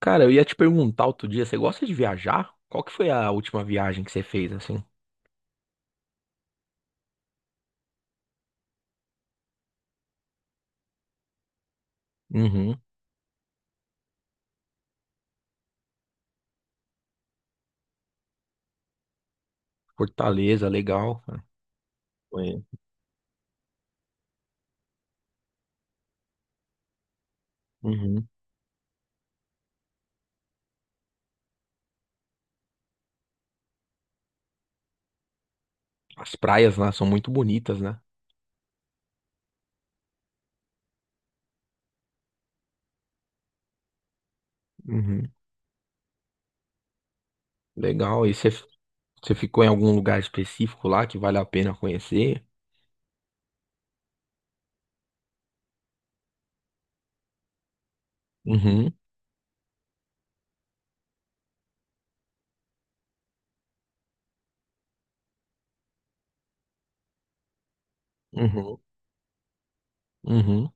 Cara, eu ia te perguntar outro dia, você gosta de viajar? Qual que foi a última viagem que você fez, assim? Uhum. Fortaleza, legal. Cara. Foi. Uhum. As praias lá são muito bonitas, né? Uhum. Legal. E você, você ficou em algum lugar específico lá que vale a pena conhecer? Uhum. Uhum. Uhum.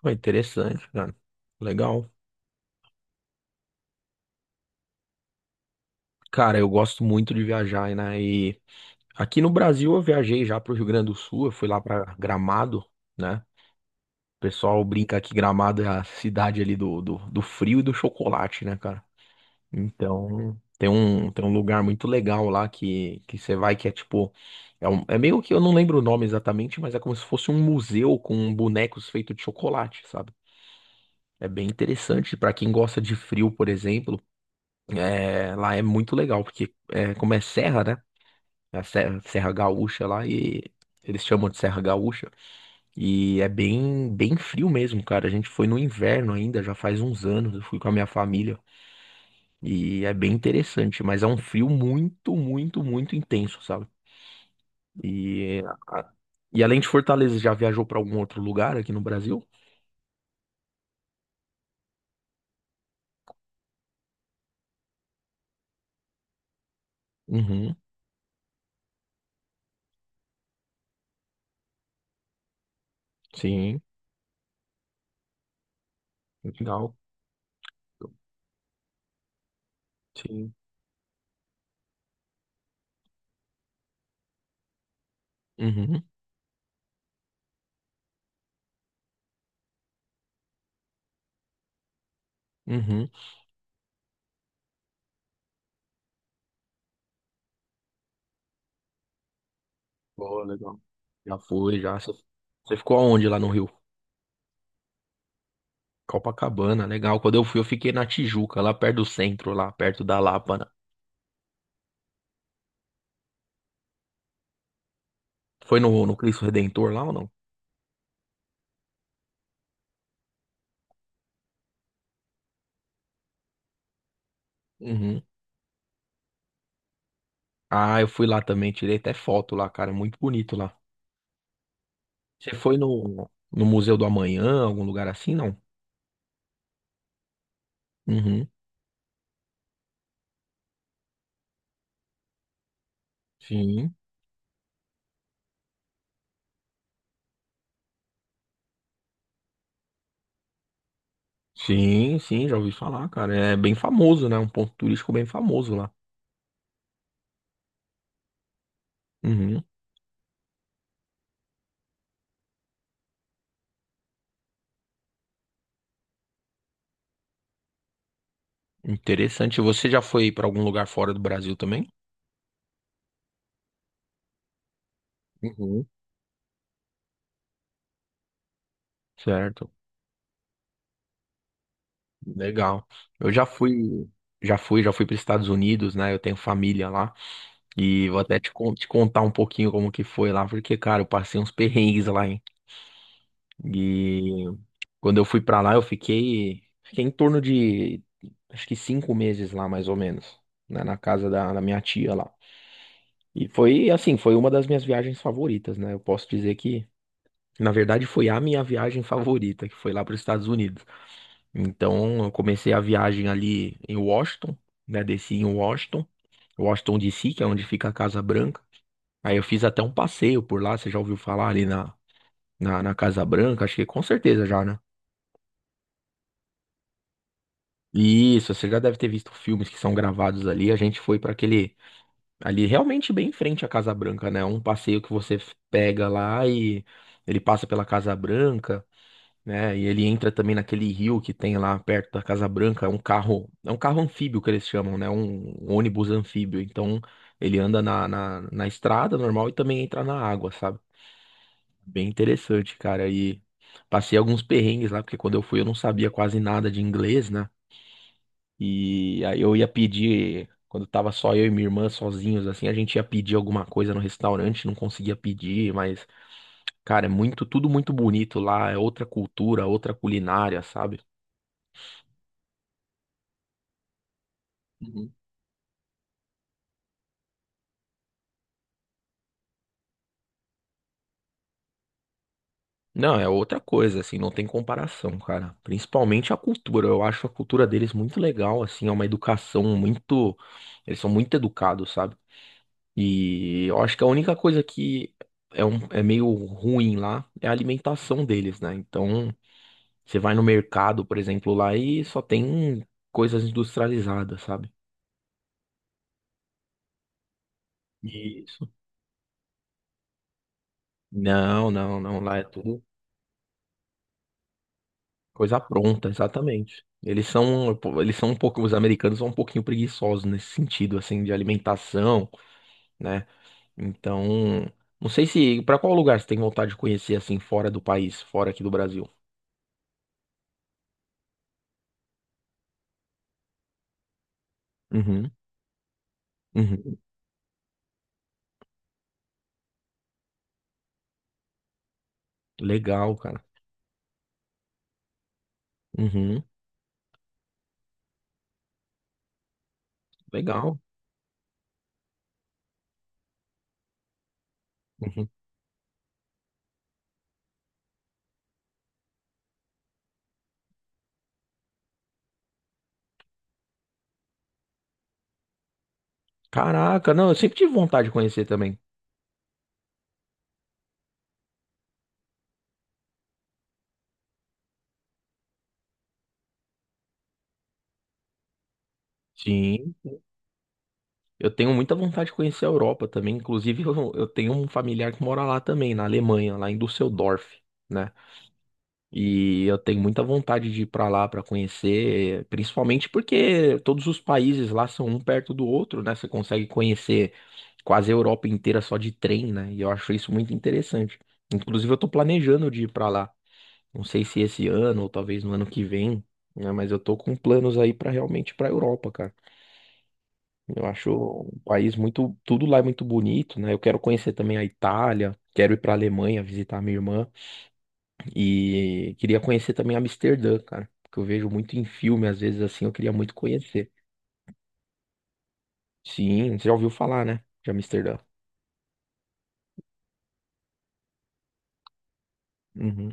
Foi interessante, cara. Legal. Cara, eu gosto muito de viajar, né? E aqui no Brasil eu viajei já pro Rio Grande do Sul, eu fui lá pra Gramado, né? O pessoal brinca que Gramado é a cidade ali do frio e do chocolate, né, cara? Então, tem um lugar muito legal lá que você vai que é tipo. É, é meio que eu não lembro o nome exatamente, mas é como se fosse um museu com bonecos feitos de chocolate, sabe? É bem interessante pra quem gosta de frio, por exemplo. Lá é muito legal, porque é, como é serra, né? É a Serra Gaúcha lá e eles chamam de Serra Gaúcha. E é bem, bem frio mesmo, cara. A gente foi no inverno ainda, já faz uns anos. Eu fui com a minha família e é bem interessante, mas é um frio muito, muito, muito intenso, sabe? E, a- e além de Fortaleza, já viajou para algum outro lugar aqui no Brasil? Uhum, sim, legal. Sim, uhum, uhum. Pô, legal. Já foi, já. Você ficou aonde lá no Rio? Copacabana, legal. Quando eu fui, eu fiquei na Tijuca, lá perto do centro, lá perto da Lapa, né? Foi no, no Cristo Redentor lá ou não? Uhum. Ah, eu fui lá também, tirei até foto lá, cara, muito bonito lá. Você foi no, no Museu do Amanhã, algum lugar assim, não? Uhum. Sim, sim, sim, já ouvi falar, cara. É bem famoso, né? Um ponto turístico bem famoso lá. Uhum. Interessante. Você já foi pra algum lugar fora do Brasil também? Uhum. Certo. Legal. Eu já fui, já fui para os Estados Unidos, né? Eu tenho família lá e vou até te contar um pouquinho como que foi lá, porque, cara, eu passei uns perrengues lá, hein? E quando eu fui pra lá, fiquei em torno de, acho que cinco meses lá, mais ou menos, né, na da minha tia lá. E foi, assim, foi uma das minhas viagens favoritas, né? Eu posso dizer que, na verdade, foi a minha viagem favorita, que foi lá para os Estados Unidos. Então, eu comecei a viagem ali em Washington, né? Desci em Washington DC, que é onde fica a Casa Branca. Aí eu fiz até um passeio por lá, você já ouviu falar ali na Casa Branca? Acho que com certeza já, né? Isso, você já deve ter visto filmes que são gravados ali. A gente foi para aquele ali realmente bem em frente à Casa Branca, né? Um passeio que você pega lá e ele passa pela Casa Branca, né? E ele entra também naquele rio que tem lá perto da Casa Branca, é um carro anfíbio que eles chamam, né? Um ônibus anfíbio. Então ele anda na estrada normal e também entra na água, sabe? Bem interessante, cara. E passei alguns perrengues lá, porque quando eu fui eu não sabia quase nada de inglês, né? E aí eu ia pedir, quando tava só eu e minha irmã sozinhos, assim, a gente ia pedir alguma coisa no restaurante, não conseguia pedir, mas, cara, é muito, tudo muito bonito lá, é outra cultura, outra culinária, sabe? Uhum. Não, é outra coisa, assim, não tem comparação, cara. Principalmente a cultura, eu acho a cultura deles muito legal, assim, é uma educação muito. Eles são muito educados, sabe? E eu acho que a única coisa que é meio ruim lá é a alimentação deles, né? Então. Você vai no mercado, por exemplo, lá e só tem coisas industrializadas, sabe? Isso. Não, não, não. Lá é tudo coisa pronta, exatamente. Eles são um pouco, os americanos são um pouquinho preguiçosos nesse sentido, assim, de alimentação, né? Então, não sei se, para qual lugar você tem vontade de conhecer, assim, fora do país, fora aqui do Brasil? Uhum, uhum. Legal, cara. Uhum, legal. Uhum. Caraca, não, eu sempre tive vontade de conhecer também. Sim. Eu tenho muita vontade de conhecer a Europa também. Inclusive, eu tenho um familiar que mora lá também, na Alemanha, lá em Düsseldorf, né? E eu tenho muita vontade de ir pra lá pra conhecer, principalmente porque todos os países lá são um perto do outro, né? Você consegue conhecer quase a Europa inteira só de trem, né? E eu acho isso muito interessante. Inclusive, eu tô planejando de ir pra lá. Não sei se esse ano ou talvez no ano que vem, né? Mas eu tô com planos aí pra realmente ir pra Europa, cara. Eu acho um país muito, tudo lá é muito bonito, né? Eu quero conhecer também a Itália, quero ir para a Alemanha visitar minha irmã e queria conhecer também Amsterdã, cara, porque eu vejo muito em filme, às vezes assim, eu queria muito conhecer. Sim, você já ouviu falar, né? De Amsterdã. Uhum.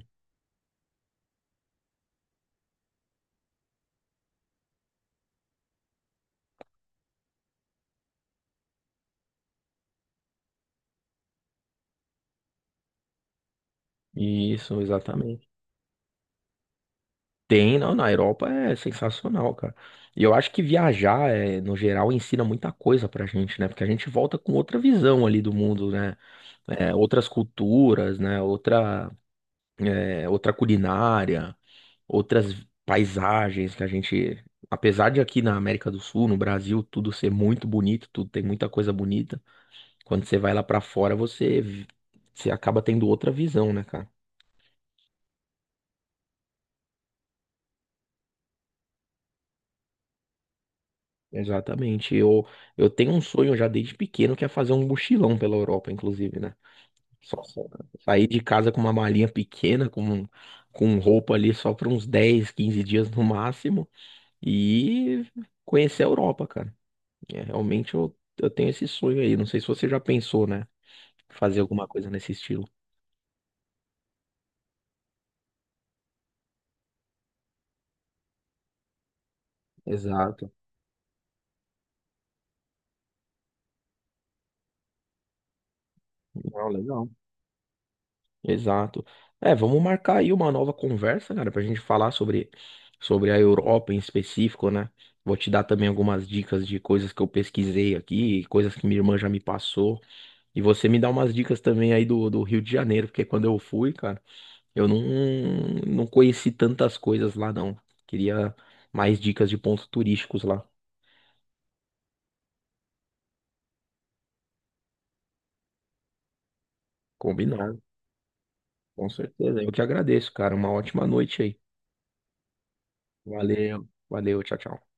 Isso, exatamente. Tem, não, na Europa é sensacional, cara. E eu acho que viajar, é, no geral, ensina muita coisa pra gente, né? Porque a gente volta com outra visão ali do mundo, né? É, outras culturas, né? Outra é, outra culinária, outras paisagens que a gente, apesar de aqui na América do Sul, no Brasil, tudo ser muito bonito, tudo tem muita coisa bonita, quando você vai lá pra fora, você acaba tendo outra visão, né, cara? Exatamente. Eu tenho um sonho já desde pequeno que é fazer um mochilão pela Europa, inclusive, né? Só sair de casa com uma malinha pequena, com roupa ali só para uns 10, 15 dias no máximo e conhecer a Europa, cara. É, realmente eu tenho esse sonho aí. Não sei se você já pensou, né? Fazer alguma coisa nesse estilo. Exato. Não, legal. Exato. É, vamos marcar aí uma nova conversa, cara, pra gente falar sobre a Europa em específico, né? Vou te dar também algumas dicas de coisas que eu pesquisei aqui, coisas que minha irmã já me passou. E você me dá umas dicas também aí do Rio de Janeiro, porque quando eu fui, cara, eu não, não conheci tantas coisas lá, não. Queria mais dicas de pontos turísticos lá. Combinado. Com certeza. Eu que agradeço, cara. Uma ótima noite aí. Valeu. Valeu, tchau, tchau.